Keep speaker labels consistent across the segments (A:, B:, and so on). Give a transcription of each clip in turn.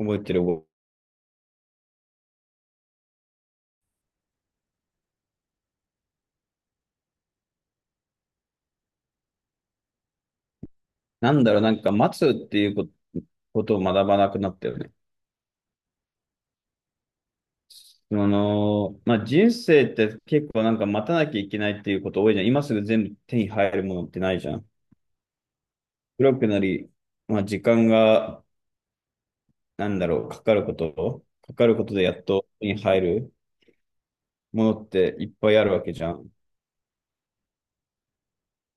A: 覚えてる。なんか待つっていうことを学ばなくなったよね。まあ、人生って結構なんか待たなきゃいけないっていうこと多いじゃん。今すぐ全部手に入るものってないじゃん。黒くなり、まあ、時間が、かかることでやっと手に入るものっていっぱいあるわけじゃん。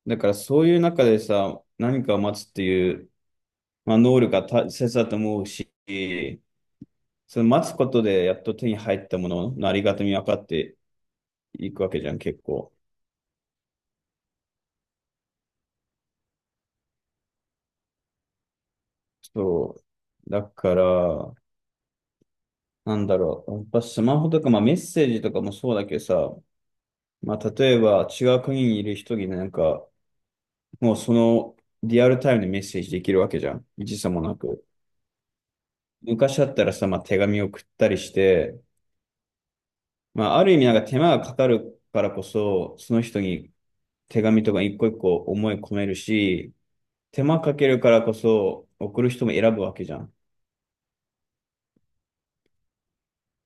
A: だからそういう中でさ、何かを待つっていう、まあ、能力が大切だと思うし、その待つことでやっと手に入ったもののありがたみ分かって、行くわけじゃん、結構。そう。だから、やっぱスマホとか、まあメッセージとかもそうだけどさ、まあ例えば違う国にいる人になんか、もうそのリアルタイムでメッセージできるわけじゃん。時差もなく。昔だったらさ、まあ手紙を送ったりして、まあある意味なんか手間がかかるからこそ、その人に手紙とか一個一個思い込めるし、手間かけるからこそ送る人も選ぶわけじゃん。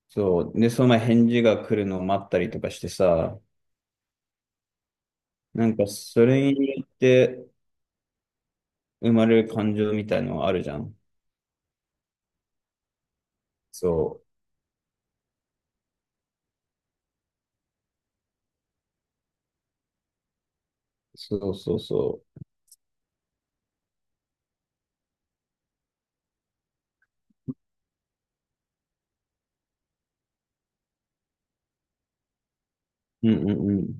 A: そう。で、その前返事が来るのを待ったりとかしてさ、なんかそれによって生まれる感情みたいのはあるじゃん。そう。そうそうそう。うんうんうん。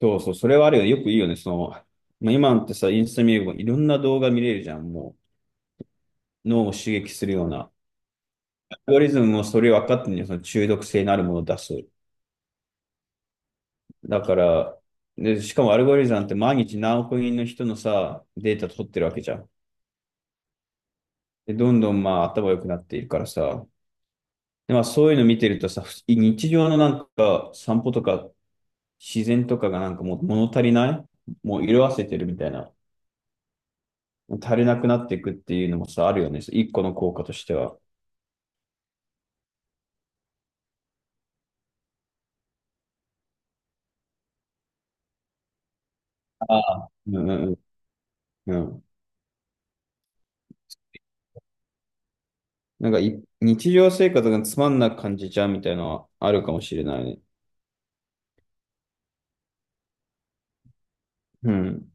A: そうそう。それはあるよね。よくいいよね。まあ、今ってさ、インスタ見ればいろんな動画見れるじゃん。もう脳を刺激するような。アルゴリズムもそれ分かってんのよ。その中毒性のあるものを出す。だから、で、しかもアルゴリズムなんて毎日何億人の人のさ、データ取ってるわけじゃん。で、どんどんまあ頭良くなっているからさ、で、まあそういうの見てるとさ、日常のなんか散歩とか自然とかがなんかもう物足りない、もう色あせてるみたいな。足りなくなっていくっていうのもさ、あるよね。一個の効果としては。ああ。うんうんうん。うん。なんか日常生活がつまんなく感じちゃうみたいなのはあるかもしれないね。うん。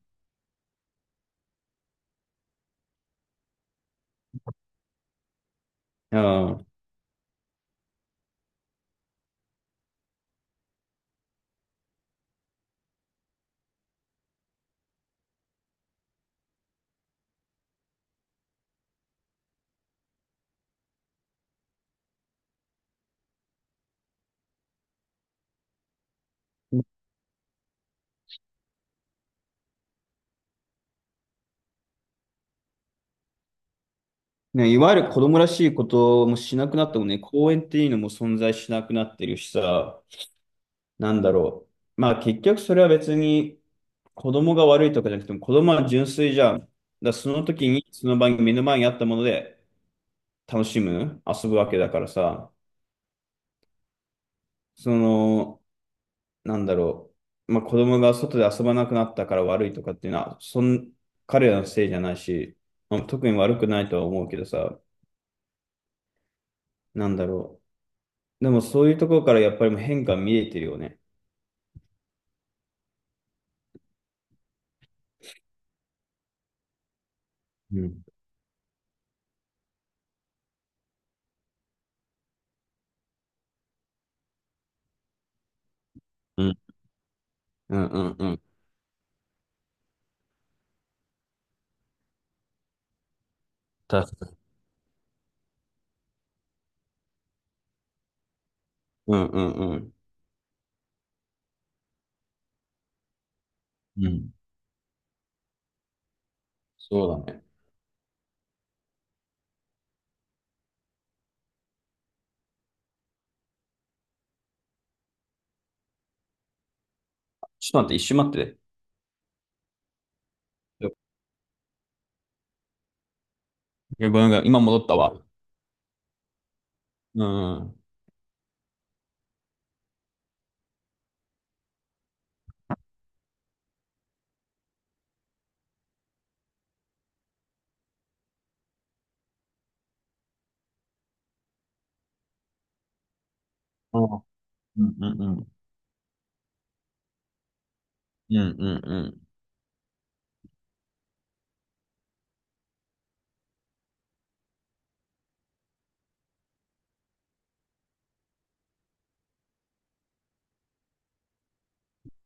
A: ああ。ね、いわゆる子供らしいこともしなくなったもんね、公園っていうのも存在しなくなってるしさ、なんだろまあ結局それは別に子供が悪いとかじゃなくても子供は純粋じゃん。だからその時にその場に目の前にあったもので楽しむ、遊ぶわけだからさ、その、なんだろまあ子供が外で遊ばなくなったから悪いとかっていうのは、彼らのせいじゃないし、まあ特に悪くないとは思うけどさ、なんだろでもそういうところからやっぱりもう変化見えてるよね。うん。うんうんうんうん。確かに。うんうんうん。うん。そうだね。ちょっと待って、一瞬待って。ごめんごめん、今戻ったわ。うん。うん。うんうんうん。うんうん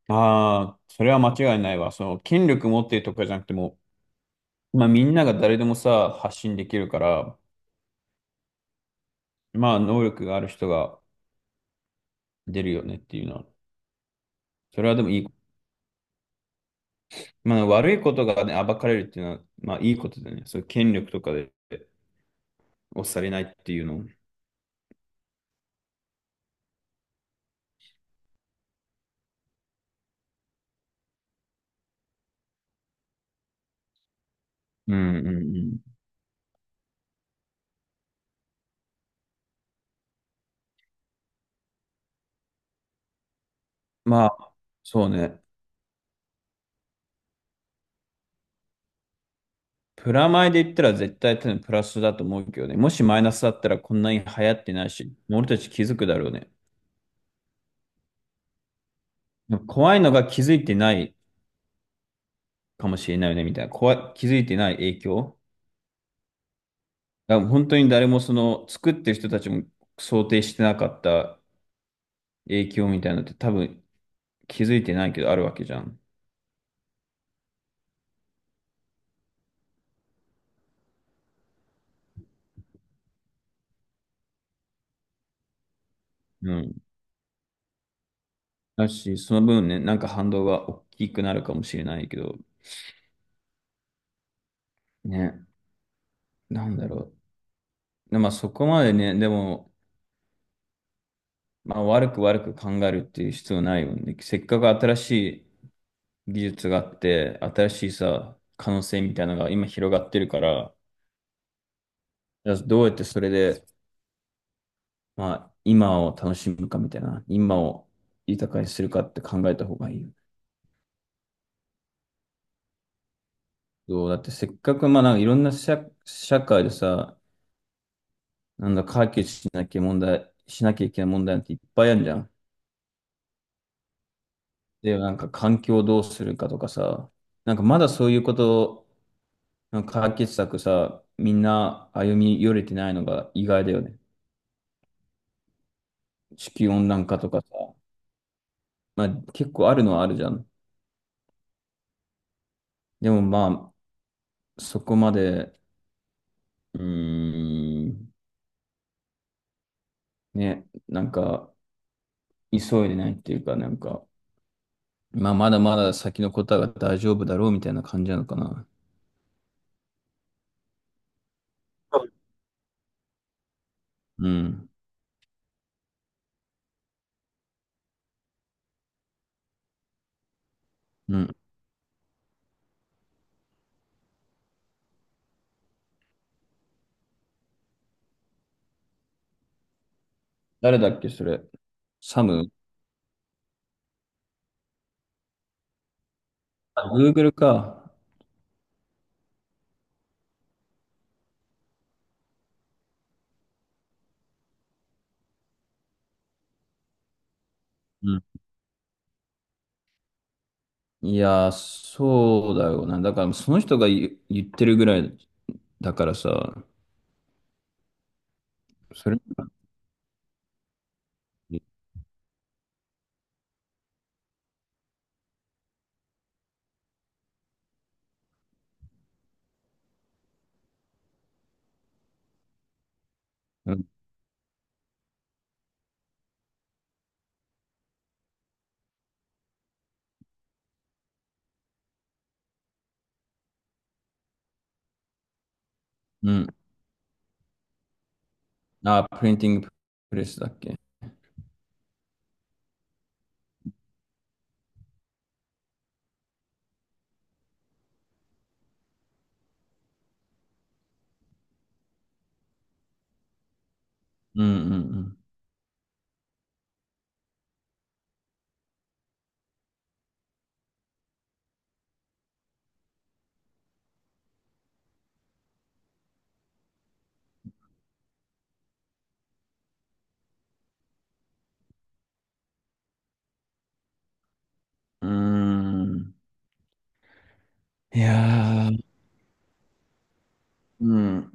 A: うん。ああ、それは間違いないわ。権力持ってるとかじゃなくても、まあみんなが誰でもさ、発信できるから、まあ能力がある人が出るよねっていうのは、それはでもいい。まあ悪いことがね、暴かれるっていうのは、まあいいことだよね。そういう権力とかで押されないっていうの。うんうんうん。まあ、そうね。プラマイで言ったら絶対多分プラスだと思うけどね。もしマイナスだったらこんなに流行ってないし、俺たち気づくだろうね。怖いのが気づいてないかもしれないよね、みたいな。怖い、気づいてない影響。だから本当に誰もその作ってる人たちも想定してなかった影響みたいなのって多分気づいてないけどあるわけじゃん。うん。だし、その分ね、なんか反動が大きくなるかもしれないけど、ね、なんだろでまあそこまでね、でも、まあ、悪く悪く考えるっていう必要ないよね。せっかく新しい技術があって、新しいさ、可能性みたいなのが今広がってるから、じゃあどうやってそれで、まあ、今を楽しむかみたいな、今を豊かにするかって考えた方がいいよね。そう、だってせっかく、まあ、なんかいろんな社会でさ、なんだ、解決しなきゃ問題、しなきゃいけない問題なんていっぱいあるじゃん。で、なんか環境をどうするかとかさ、なんかまだそういうこと、なんか解決策さ、みんな歩み寄れてないのが意外だよね。地球温暖化とかさ、まあ結構あるのはあるじゃん。でもまあ、そこまで、うーん、ね、なんか急いでないっていうか、なんか、まあまだまだ先のことは大丈夫だろうみたいな感じなのかな。うん。うん。誰だっけ、それ。サム。あ、Google か。うん。いやー、そうだよな。だから、その人が言ってるぐらいだからさ、それ、うん。うん。あ、プリンティングプレスだっけ。うんうんうん。うーん。いやー、うん。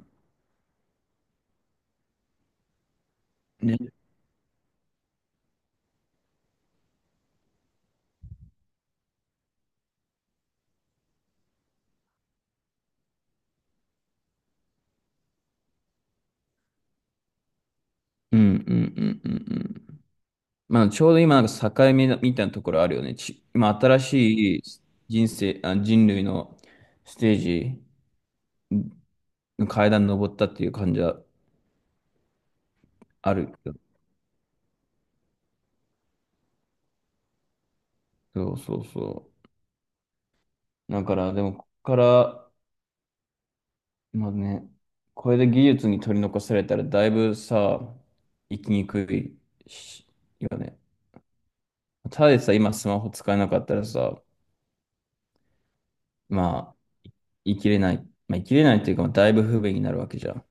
A: ね。うんうんうんうんうん。まあ、ちょうど今、なんか境目だみたいなところあるよね。今、新しい人生、あ、人類のステージの階段登ったっていう感じはあるけど。そうそうそう。だから、でも、ここからまあね、これで技術に取り残されたらだいぶさ、生きにくいし、よね。ただでさ、今スマホ使えなかったらさ、まあ、生きれない。まあ、生きれないっていうか、だいぶ不便になるわけじゃん。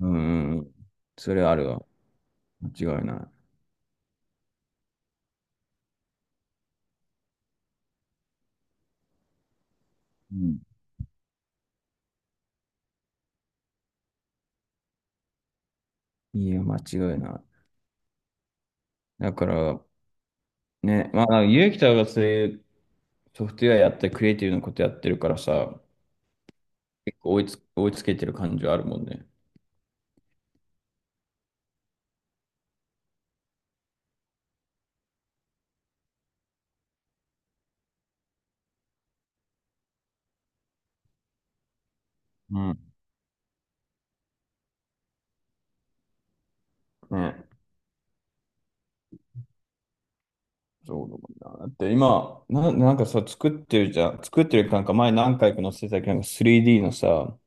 A: うんうんうん。それはあるわ。間違いない。うん。いいよ、間違いない。だから、ね、まあ、ゆうきたがそういうソフトウェアやって、クリエイティブなことやってるからさ、結構追いつけてる感じはあるもんね。うん。ね。そうだもんな。だって今、なんかさ、作ってるじゃん。作ってるなんか前何回か載せてたけど、なんか 3D のさ、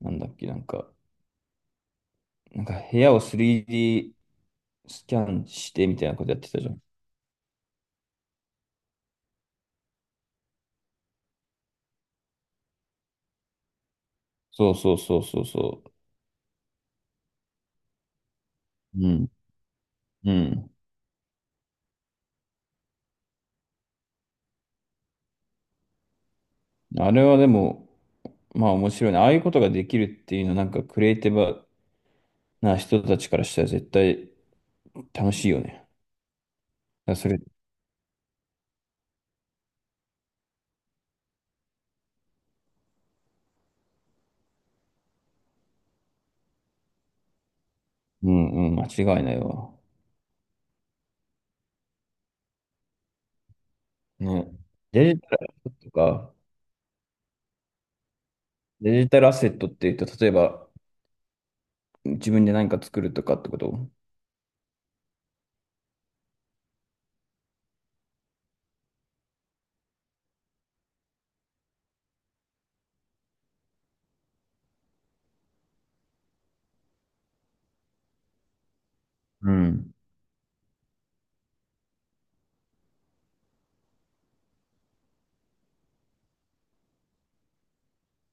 A: なんだっけ、なんか部屋を 3D スキャンしてみたいなことやってたじゃん。そうそうそうそうそう。うん。うん。あれはでも、まあ面白いね。ああいうことができるっていうのは、なんかクリエイティブな人たちからしたら絶対楽しいよね。だからそれ、うんうん、間違いないわ。ね。デジタルアセットとか、デジタルアセットっていうと、例えば、自分で何か作るとかってこと。うん。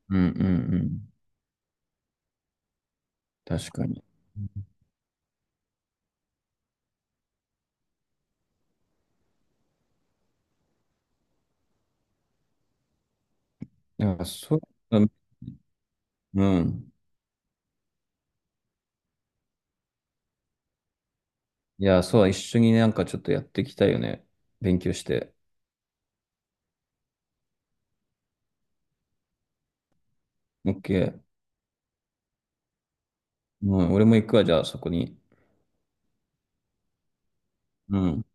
A: うんうんうん。確かに。なんかそう、うん。うん。いや、そう、一緒になんかちょっとやっていきたいよね。勉強して。オッケー。うん、俺も行くわ、じゃあそこに。うん。